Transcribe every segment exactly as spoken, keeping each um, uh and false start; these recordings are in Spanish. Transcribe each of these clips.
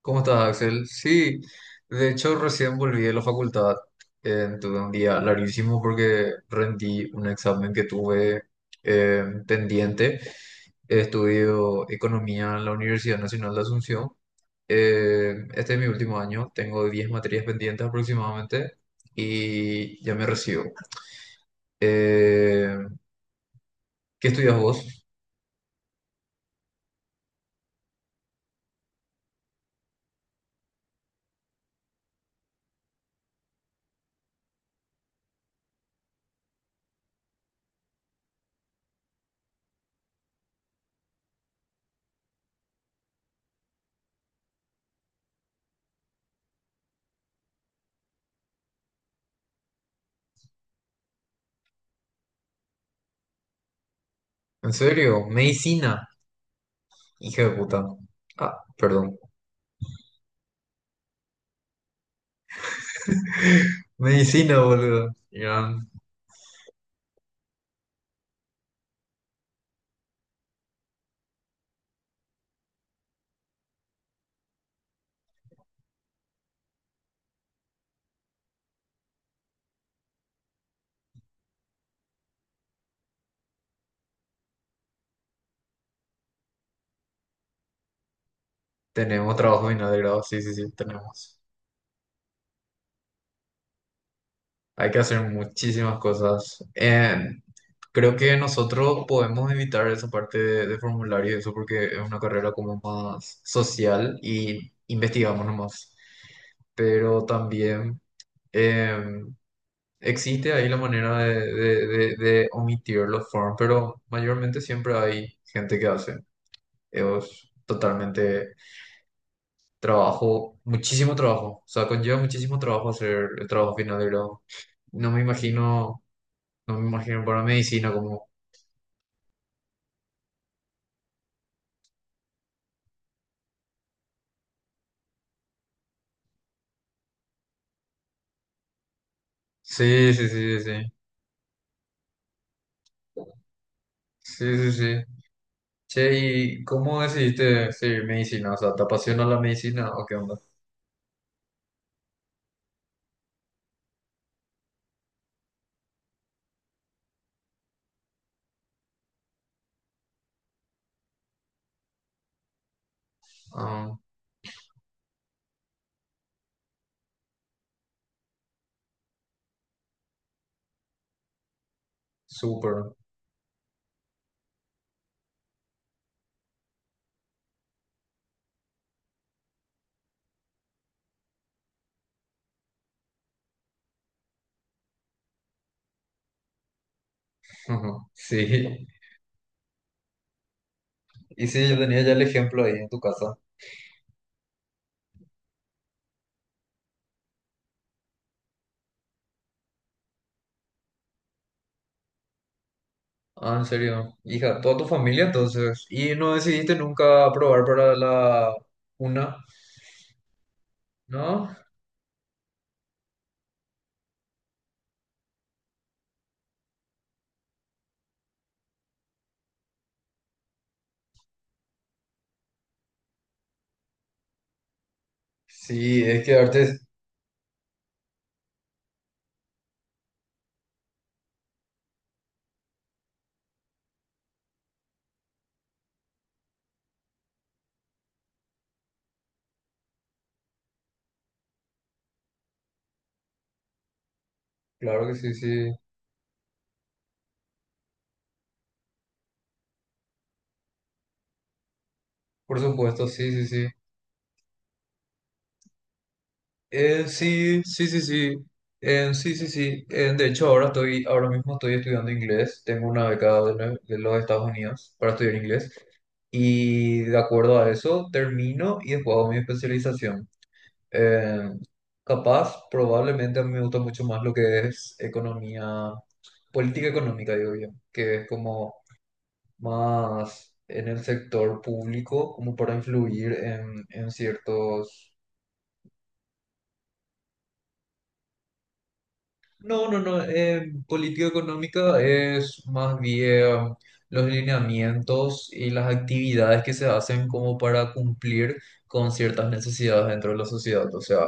¿Cómo estás, Axel? Sí, de hecho recién volví de la facultad. Eh, tuve un día larguísimo porque rendí un examen que tuve eh, pendiente. Estudio economía en la Universidad Nacional de Asunción. Eh, este es mi último año, tengo diez materias pendientes aproximadamente y ya me recibo. Eh, ¿Qué estudias vos? ¿En serio? Medicina, hija de puta. Ah, perdón. Medicina, boludo. Ya, tenemos trabajo final de grado, sí, sí, sí, tenemos. Hay que hacer muchísimas cosas. Eh, creo que nosotros podemos evitar esa parte de, de formulario y eso porque es una carrera como más social y investigamos nomás. Pero también eh, existe ahí la manera de, de- de- de omitir los forms, pero mayormente siempre hay gente que hace. Es totalmente trabajo, muchísimo trabajo. O sea, conlleva muchísimo trabajo hacer el trabajo final de grado. No me imagino, no me imagino para medicina como... Sí, sí, sí, sí. Sí, sí, sí. sí. Che, ¿y cómo decidiste seguir medicina? O sea, ¿te apasiona la medicina o qué onda? Ah, súper. Ujú. Sí. Y sí, yo tenía ya el ejemplo ahí en tu casa. Ah, en serio. Hija, toda tu familia entonces. ¿Y no decidiste nunca probar para la una? ¿No? Sí, es que arte. Claro que sí, sí, por supuesto, sí, sí, sí. Eh, sí, sí, sí, sí. Eh, sí, sí, sí. Eh, de hecho, ahora estoy, ahora mismo estoy estudiando inglés. Tengo una beca de, nue- de los Estados Unidos para estudiar inglés. Y de acuerdo a eso, termino y después hago mi especialización. Eh, Capaz, probablemente a mí me gusta mucho más lo que es economía, política económica, digo yo, que es como más en el sector público como para influir en, en ciertos. No, no, no. Eh, política económica es más bien los lineamientos y las actividades que se hacen como para cumplir con ciertas necesidades dentro de la sociedad. O sea,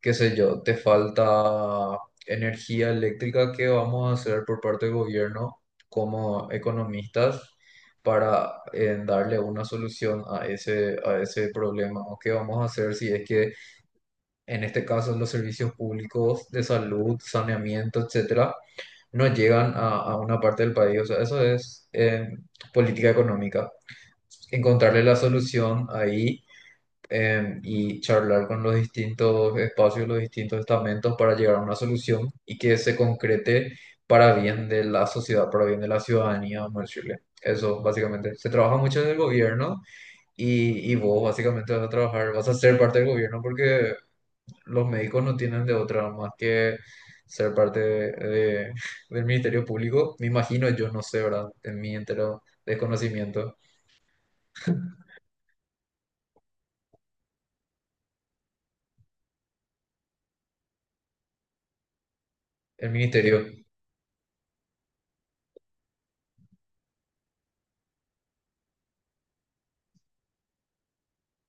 qué sé yo, te falta energía eléctrica, ¿qué vamos a hacer por parte del gobierno como economistas para eh, darle una solución a ese, a ese problema? ¿O qué vamos a hacer si es que en este caso los servicios públicos de salud, saneamiento, etcétera, no llegan a, a una parte del país? O sea, eso es eh, política económica. Encontrarle la solución ahí eh, y charlar con los distintos espacios, los distintos estamentos para llegar a una solución y que se concrete para bien de la sociedad, para bien de la ciudadanía, vamos a decirle. Eso, básicamente. Se trabaja mucho desde el gobierno y, y vos básicamente vas a trabajar, vas a ser parte del gobierno porque los médicos no tienen de otra más que ser parte de- de- del Ministerio Público. Me imagino, yo no sé, ¿verdad? En mi entero desconocimiento. El Ministerio.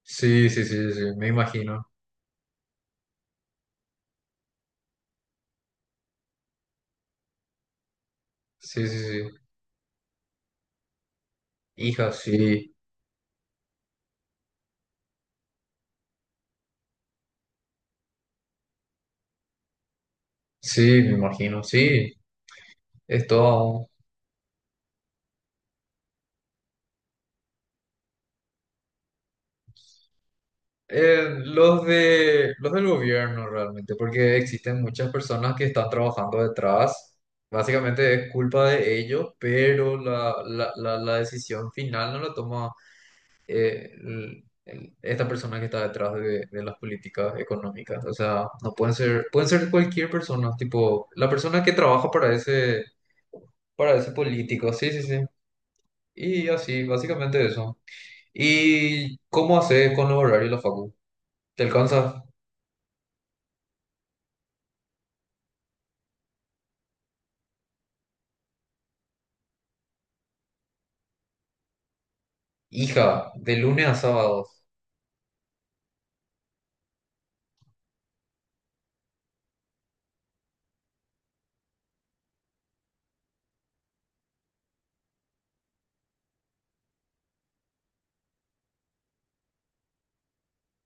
Sí, sí, sí, sí, me imagino. Sí, sí, sí. Hija, sí. Sí, me imagino, sí. Es todo. Eh, los de, los del gobierno realmente, porque existen muchas personas que están trabajando detrás. Básicamente es culpa de ellos, pero la, la, la, la decisión final no la toma eh, el- el- esta persona que está detrás de, de las políticas económicas. O sea, no pueden ser, pueden ser cualquier persona, tipo la persona que trabaja para ese, para ese político. Sí, sí, sí. Y así, básicamente eso. ¿Y cómo haces con los horarios de la facu? ¿Te alcanza? Hija, de lunes a sábados.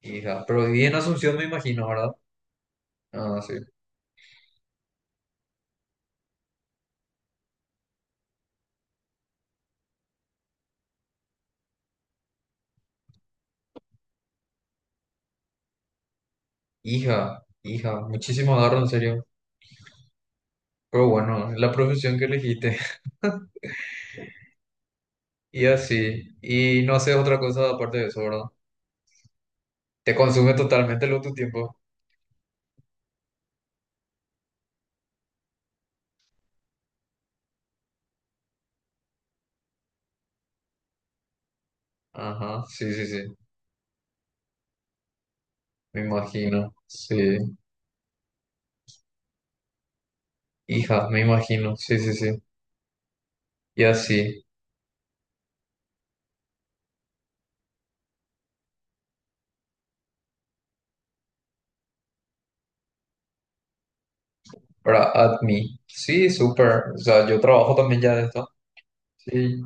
Hija, pero viví en Asunción, me imagino, ¿verdad? Ah, sí. Hija, hija, muchísimo agarro, en serio. Pero bueno, es la profesión que elegiste. Y así. Y no haces otra cosa aparte de eso, ¿verdad? Te consume totalmente lo tu tiempo. Ajá, sí, sí, sí. Me imagino. Sí. Hija, me imagino. Sí, sí, sí. Y así. Para Admi. Sí, súper. O sea, yo trabajo también ya de esto. Sí.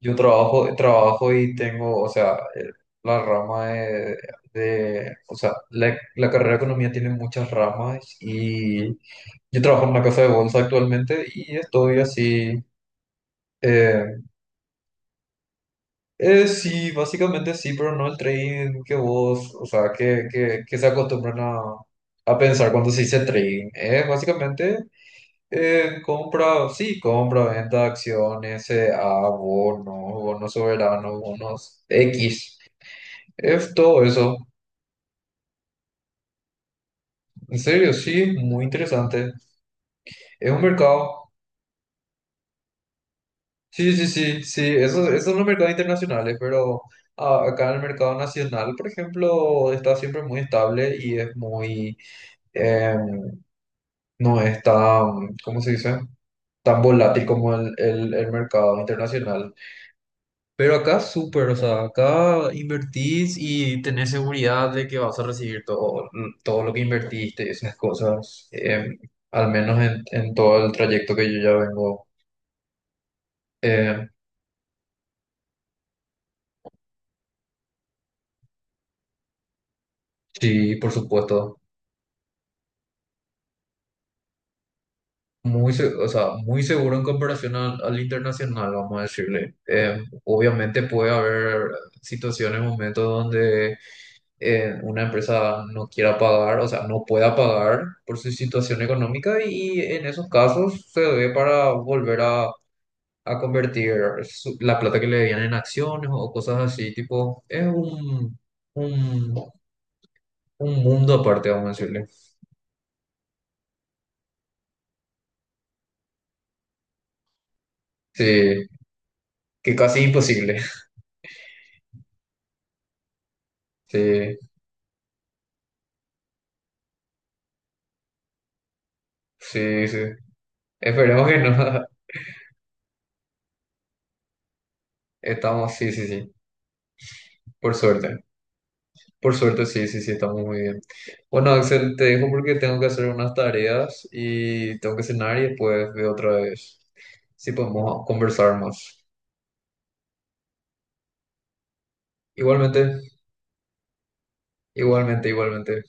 Yo trabajo, trabajo y tengo, o sea, el- la rama de, de- o sea, la, la carrera de economía tiene muchas ramas y yo trabajo en una casa de bolsa actualmente y estoy así, eh, eh, sí, básicamente sí, pero no el trading que vos, o sea, que, que, que se acostumbran a, a pensar cuando se dice trading. Es básicamente eh, compra, sí, compra, venta de acciones, a bonos, bonos soberanos, bonos X. Es todo eso. En serio, sí, muy interesante. Es un mercado. Sí, sí, sí, sí. Esos, esos son los mercados internacionales, pero ah, acá en el mercado nacional, por ejemplo, está siempre muy estable y es muy. eh, no es tan, ¿cómo se dice? Tan volátil como el, el, el mercado internacional. Pero acá súper, o sea, acá invertís y tenés seguridad de que vas a recibir todo, mm, todo lo que invertiste y esas cosas, eh, al menos en, en todo el trayecto que yo ya vengo. Eh, sí, por supuesto, muy, se- o sea, muy seguro en comparación al, al internacional, vamos a decirle. Eh, obviamente puede haber situaciones, momentos donde eh, una empresa no quiera pagar, o sea, no pueda pagar por su situación económica y en esos casos se debe para volver a, a convertir su- la plata que le debían en acciones o cosas así, tipo, es un, un, un, mundo aparte, vamos a decirle. Sí, que casi imposible. Sí, sí, sí. Esperemos que no. Estamos, sí, sí, sí, por suerte. Por suerte, sí, sí, sí, estamos muy bien. Bueno, Axel, te dejo porque tengo que hacer unas tareas y tengo que cenar y después veo otra vez si podemos conversar más. Igualmente, igualmente, igualmente.